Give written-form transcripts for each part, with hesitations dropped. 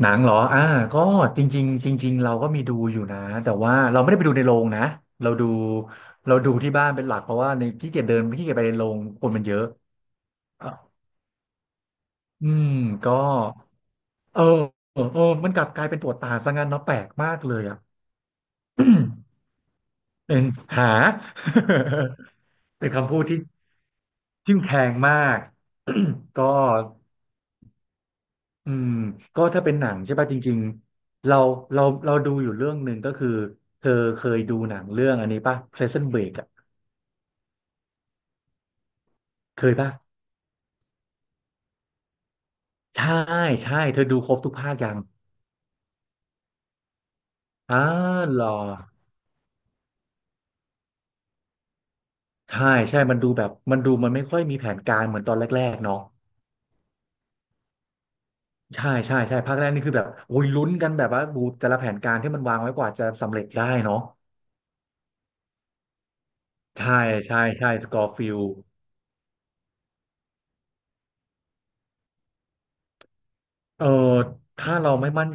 หนังเหรอก็จริงๆจริงๆเราก็มีดูอยู่นะ แต่ว่าเราไม่ได้ไปดูในโรงนะ เราดูเราดูที่บ้านเป็นหลักเพราะว่าในขี้เกียจเดินขี้เกียจไปในโรงคนมันเยอะอ่ะอืมก็เออเออมันกลับกลายเป็นตัวตาซะงั้นเนาะแปลกมากเลยอ่ะ เป็นหา เป็นคำพูดที่ทิ่มแทงมาก ก็ อืมก็ถ้าเป็นหนังใช่ป่ะจริงๆเราดูอยู่เรื่องหนึ่งก็คือเธอเคยดูหนังเรื่องอันนี้ป่ะ Prison Break อ่ะเคยป่ะใช่ใช่เธอดูครบทุกภาคยังอ่าเหรอใช่ใช่มันดูแบบมันดูมันไม่ค่อยมีแผนการเหมือนตอนแรกๆเนาะใช่ภาคแรกนี่คือแบบโอ้ยลุ้นกันแบบว่าดูแต่ละแผนการที่มันวางไว้กว่าจะสำเร็จได้เนาะใช่ใช่สกอร์ฟิลเออถ้าเราไม่มั่น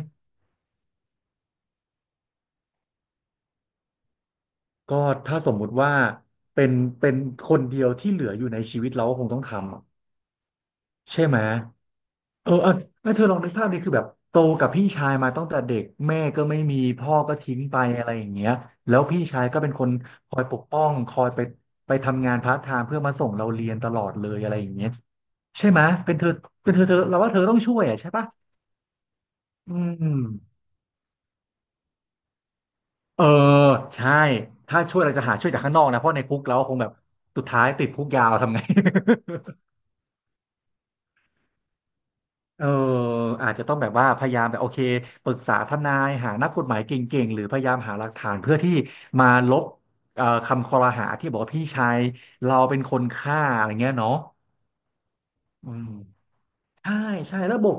ก็ถ้าสมมุติว่าเป็นเป็นคนเดียวที่เหลืออยู่ในชีวิตเราก็คงต้องทำอะใช่ไหมเออเออแม่เธอลองนึกภาพดิคือแบบโตกับพี่ชายมาตั้งแต่เด็กแม่ก็ไม่มีพ่อก็ทิ้งไปอะไรอย่างเงี้ยแล้วพี่ชายก็เป็นคนคอยปกป้องคอยไปทำงานพาร์ทไทม์เพื่อมาส่งเราเรียนตลอดเลยอะไรอย่างเงี้ยใช่ไหมเป็นเธอเป็นเธอเราว่าเธอต้องช่วยอ่ะใช่ปะอืมเออใช่ถ้าช่วยเราจะหาช่วยจากข้างนอกนะเพราะในคุกเราคงแบบสุดท้ายติดคุกยาวทำไง เอออาจจะต้องแบบว่าพยายามแบบโอเคปรึกษาทนายหานักกฎหมายเก่งๆหรือพยายามหาหลักฐานเพื่อที่มาลบคำคอรหาที่บอกว่าพี่ชายเราเป็นคนฆ่าอะไรเงี้ยเนาะอืมใช่ใช่แล้วบอก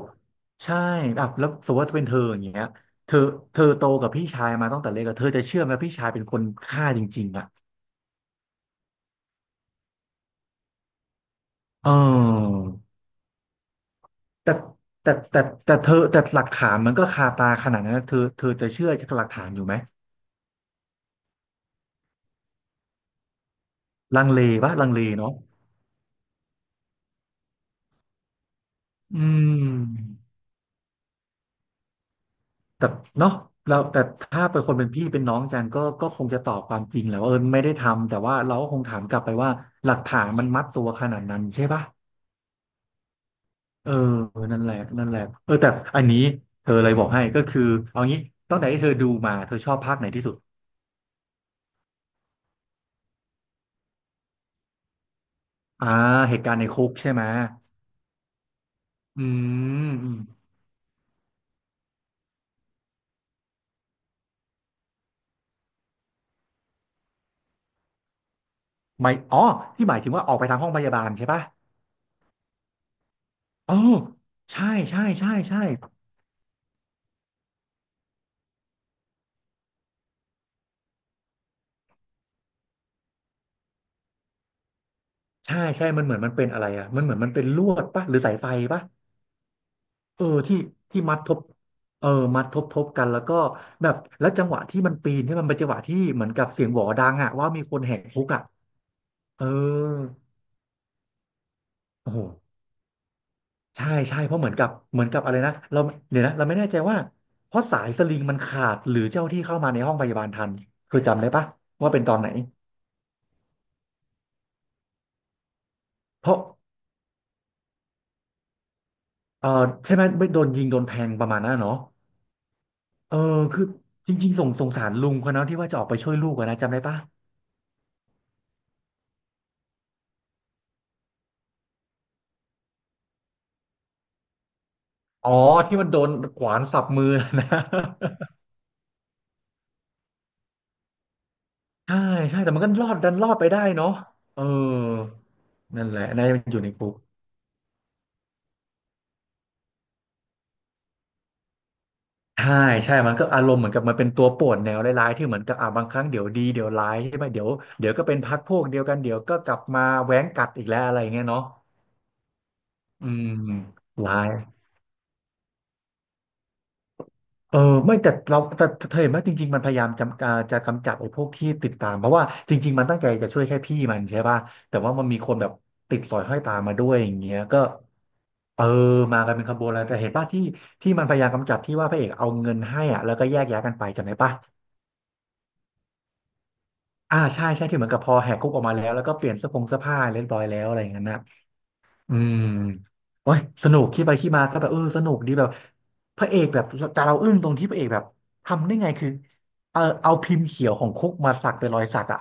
ใช่แบบแล้วสมมติว่าเป็นเธออย่างเงี้ยเธอเธอโตกับพี่ชายมาตั้งแต่เล็กอะเธอจะเชื่อไหมว่าพี่ชายเป็นคนฆ่าจริงๆอ่ะเออแต่แต่แต่แต่เธอแต่หลักฐานมันก็คาตาขนาดนั้นนะเธอจะเชื่อจากหลักฐานอยู่ไหมลังเลปะลังเลเนาะ อืมแต่เนาะเราแต่ถ้าเป็นคนเป็นพี่เป็นน้องกันก็คงจะตอบความจริงแหละว่าเออไม่ได้ทำแต่ว่าเราก็คงถามกลับไปว่าหลักฐานมันมัดตัวขนาดนั้นใช่ปะเออนั่นแหละเออแต่อันนี้เธอเลยบอกให้ก็คือเอางี้ตั้งแต่ที่เธอดูมาเธอชอบภาคไหนที่สุดอ่าเหตุการณ์ในคุกใช่ไหมอืมอืมไม่อ๋อที่หมายถึงว่าออกไปทางห้องพยาบาลใช่ปะอ๋อใช่ใช่ใช่ใช่ใช่มันเหมือนมันเป็นอะไรอ่ะมันเหมือนมันเป็นลวดปะหรือสายไฟปะ เออที่มัดทบเออมัดทบกันแล้วก็แบบแล้วจังหวะที่มันปีนที่มันเป็นจังหวะที่เหมือนกับเสียงหวอดังอะว่ามีคนแหกคุกอะเออโอ้โหใช่ใช่เพราะเหมือนกับอะไรนะเราเดี๋ยวนะเราไม่แน่ใจว่าเพราะสายสลิงมันขาดหรือเจ้าที่เข้ามาในห้องพยาบาลทันเคอจำได้ปะว่าเป็นตอนไหนเพราะเออใช่ไหมไม่โดนยิงโดนแทงประมาณนั้นอะเนาะเออคือจริงๆสงสารลุงคนนั้นที่ว่าจะออกไปช่วยลูกอะนะจำได้ปะอ๋อที่มันโดนขวานสับมือ นะ ใช่ใช่แต่มันก็รอดรอดไปได้เนาะเออนั่นแหละนายมันอยู่ในคุกใช่ใช่มันก็อารมณ์เหมือนกับมันเป็นตัวป่วนแนวร้ายๆที่เหมือนกับอ่าบางครั้งเดี๋ยวดีเดี๋ยวร้ายใช่ไหมเดี๋ยวก็เป็นพรรคพวกเดียวกันเดี๋ยวก็กลับมาแว้งกัดอีกแล้วอะไรอย่างเงี้ยเนาะอืมร้าย เออไม่แต่เราแต่เธอเห็นไหมจริงๆมันพยายามจะกำจัดไอ้พวกที่ติดตามเพราะว่าจริงๆมันตั้งใจจะช่วยแค่พี่มันใช่ป่ะแต่ว่ามันมีคนแบบติดสอยห้อยตามมาด้วยอย่างเงี้ยก็เออมากันเป็นขบวนแล้วแต่เห็นป่ะที่มันพยายามกำจัดที่ว่าพระเอกเอาเงินให้อ่ะแล้วก็แยกย้ายกันไปจำได้ป่ะอ่าใช่ใช่ที่เหมือนกับพอแหกคุกออกมาแล้วแล้วก็เปลี่ยนเสื้อผ้าเรียบร้อยแล้วอะไรอย่างนั้นนะ อืมโอ้ยสนุกคิดไปคิดมาก็แบบเออสนุกดีแบบพระเอกแบบแต่เราอึ้งตรงที่พระเอกแบบทำได้ไงคือเออเอาพิมพ์เขียวของคุกมาสักเป็นรอยสักอ่ะ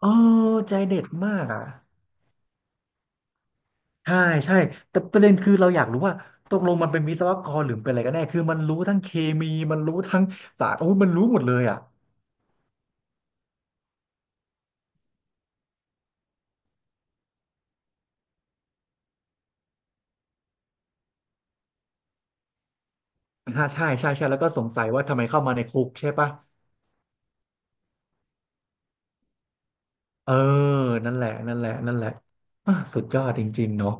เออใจเด็ดมากอ่ะใช่ใช่แต่ประเด็นคือเราอยากรู้ว่าตกลงมันเป็นวิศวกรหรือเป็นอะไรกันแน่คือมันรู้ทั้งเคมีมันรู้ทั้งสารโอ้ยมันรู้หมดเลยอ่ะฮะใช่ใช่ใช่แล้วก็สงสัยว่าทำไมเข้ามาในคุกใช่ปะเออนั่นแหละนั่นแหละนั่นแหละอ่ะสุดยอดจริงๆเนาะ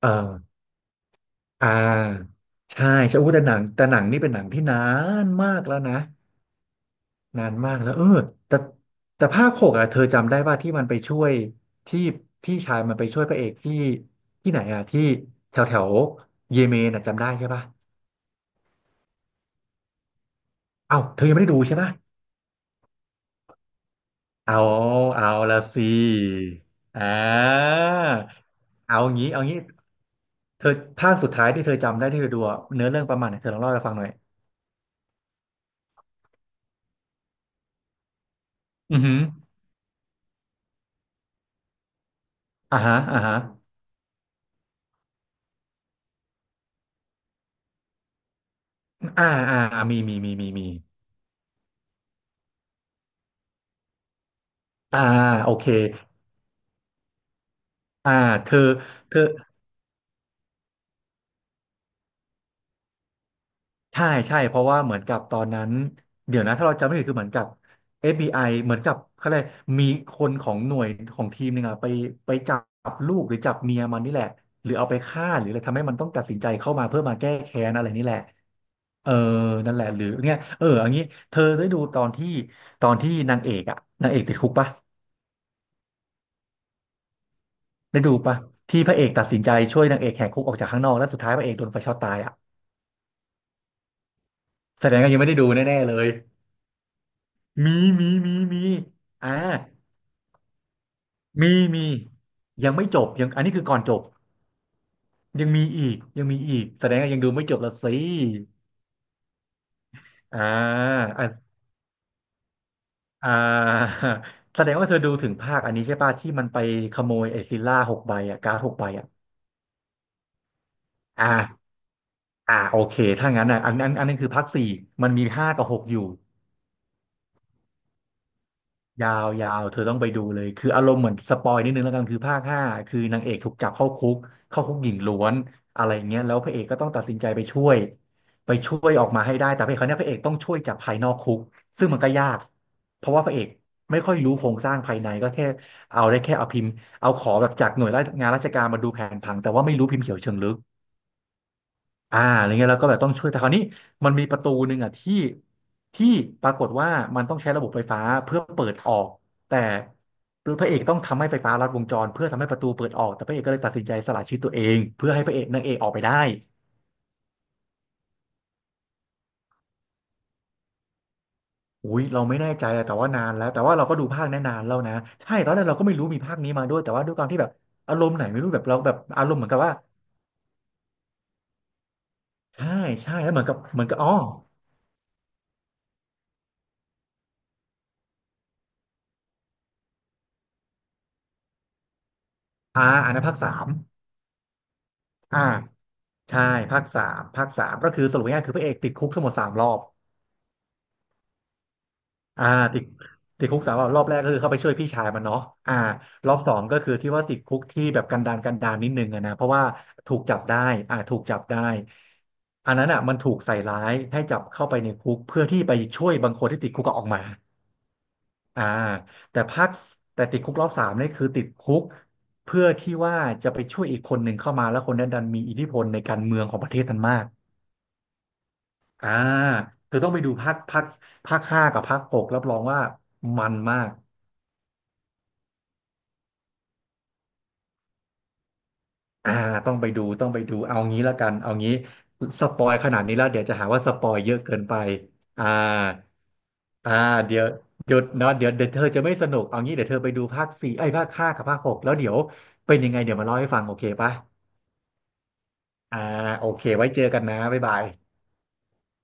เออ อ่าใช่ใช่อู้แต่หนังนี่เป็นหนังที่นานมากแล้วนะนานมากแล้วเออแต่แต่ภาคหกอ่ะเธอจำได้ว่าที่มันไปช่วยที่พี่ชายมันไปช่วยพระเอกที่ที่ไหนอ่ะที่แถวแถวเยเมนอ่ะจำได้ใช่ป่ะเอ้าเธอยังไม่ได้ดูใช่ป่ะเอาเอาละสิอ่าเอางี้เอางี้เธอภาคสุดท้ายที่เธอจำได้ที่เธอดูอะเนื้อเรื่องประมาณไหนเธอลองเล่าให้ฟังหน่อยอือหืออ่าฮะอ่าฮะอ่าอ่ามีมีมีมีมี อ่าโอเคอ่าคือคือใช่ใช่เพราะว่าเหมือนกับตอนนั้นเดี๋ยวนะถ้าเราจำไม่ผิดคือเหมือนกับเอฟบี FBI เหมือนกับเขาเลยกอะไรมีคนของหน่วยของทีมหนึงอะไปจับลูกหรือจับเมียมันนี่แหละหรือเอาไปฆ่าหรืออะไรทำให้มันต้องตัดสินใจเข้ามาเพื่อมาแก้แค้นอะไรนี่แหละเออนั่นแหละหรือเนี่ยเอออย่างนี้เธอได้ดูตอนที่นางเอกอะนางเอกติดคุกปะได้ดูปะที่พระเอกตัดสินใจช่วยนางเอกแหกคุกออกจากข้างนอกแล้วสุดท้ายพระเอกโดนไฟช็อตตายอะแสดงว่ายังไม่ได้ดูแน่ๆเลย มีมีมีมีอ่ามีมียังไม่จบยังอันนี้คือก่อนจบยังมีอีกยังมีอีกแสดงว่ายังดูไม่จบละสิอ่าอ่าอ่า แสดงว่าเธอดูถึงภาคอันนี้ใช่ป่ะที่มันไปขโมยไอ้ซิลล่าหกใบอ่ะการ์ดหกใบอ่ะอ่าอ่าโอเคถ้างั้นอ่ะอันนั้นคือภาคสี่มันมีห้ากับหกอยู่ ยาวยาวเธอต้องไปดูเลย คืออารมณ์เหมือนสปอยนิดนึงแล้วกันคือภาคห้าคือนางเอกถูกจับเข้าคุกเข้าคุกหญิงล้วนอะไรเงี้ย แล้วพระเอกก็ต้องตัดสินใจไปช่วยออกมาให้ได้ แต่พระเอกคนเนี้ยพระเอกต้องช่วยจากภายนอกคุกซึ่งมันก็ยากเพราะว่าพระเอกไม่ค่อยรู้โครงสร้างภายในก็แค่เอาได้แค่เอาพิมพ์เอาขอแบบจากหน่วยงานราชการมาดูแผนผังแต่ว่าไม่รู้พิมพ์เขียวเชิงลึก อ่าอะไรเงี้ยแล้วก็แบบต้องช่วยแต่คราวนี้มันมีประตูหนึ่งอ่ะที่ปรากฏว่ามันต้องใช้ระบบไฟฟ้าเพื่อเปิดออกแต่พระเอกต้องทำให้ไฟฟ้าลัดวงจรเพื่อทำให้ประตูเปิดออกแต่พระเอกก็เลยตัดสินใจสละชีวิตตัวเองเพื่อให้พระเอกนางเอกออกไปได้อุ้ยเราไม่แน่ใจอะแต่ว่านานแล้วแต่ว่าเราก็ดูภาคนั้นนานแล้วนะใช่ตอนแรกเราก็ไม่รู้มีภาคนี้มาด้วยแต่ว่าด้วยความที่แบบอารมณ์ไหนไม่รู้แบบเราแบบอารมณ์เหมือนกับว่าใช่ใช่แล้วเหมือนกับอ๋ออ่าอันนั้นภาคสามอ่า ใช่ภาคสามภาคสามก็คือสรุปง่ายๆคือพระเอกติดคุกทั้งหมดสามรอบอ่าติดติดคุกสามรอบรอบแรกก็คือเข้าไปช่วยพี่ชายมันเนาะอ่ารอบสองก็คือที่ว่าติดคุกที่แบบกันดารกันดารนิดนึงอะนะเพราะว่าถูกจับได้อ่าถูกจับได้อันนั้นอ่ะมันถูกใส่ร้ายให้จับเข้าไปในคุกเพื่อที่ไปช่วยบางคนที่ติดคุกก็ออกมาอ่าแต่ภาคแต่ติดคุกรอบสามนี่คือติดคุกเพื่อที่ว่าจะไปช่วยอีกคนหนึ่งเข้ามาแล้วคนนั้นดันมีอิทธิพลในการเมืองของประเทศนั้นมาก อ่าเธอต้องไปดูภาคห้ากับภาคหกรับรองว่ามันมากอ่าต้องไปดูเอางี้ละกันเอางี้สปอยขนาดนี้แล้วเดี๋ยวจะหาว่าสปอยเยอะเกินไปอ่าอ่าเดี๋ยวเดี๋ยวเนาะเดี๋ยวเธอจะไม่สนุกเอางี้เดี๋ยวเธอไปดูภาคสี่ไอ้ยภาคห้ากับภาคหกแล้วเดี๋ยวเป็นยังไงเดี๋ยวมาเล่าให้ฟังโอเคปะอ่าโอเคไว้เจอกันนะบ๊ายบาย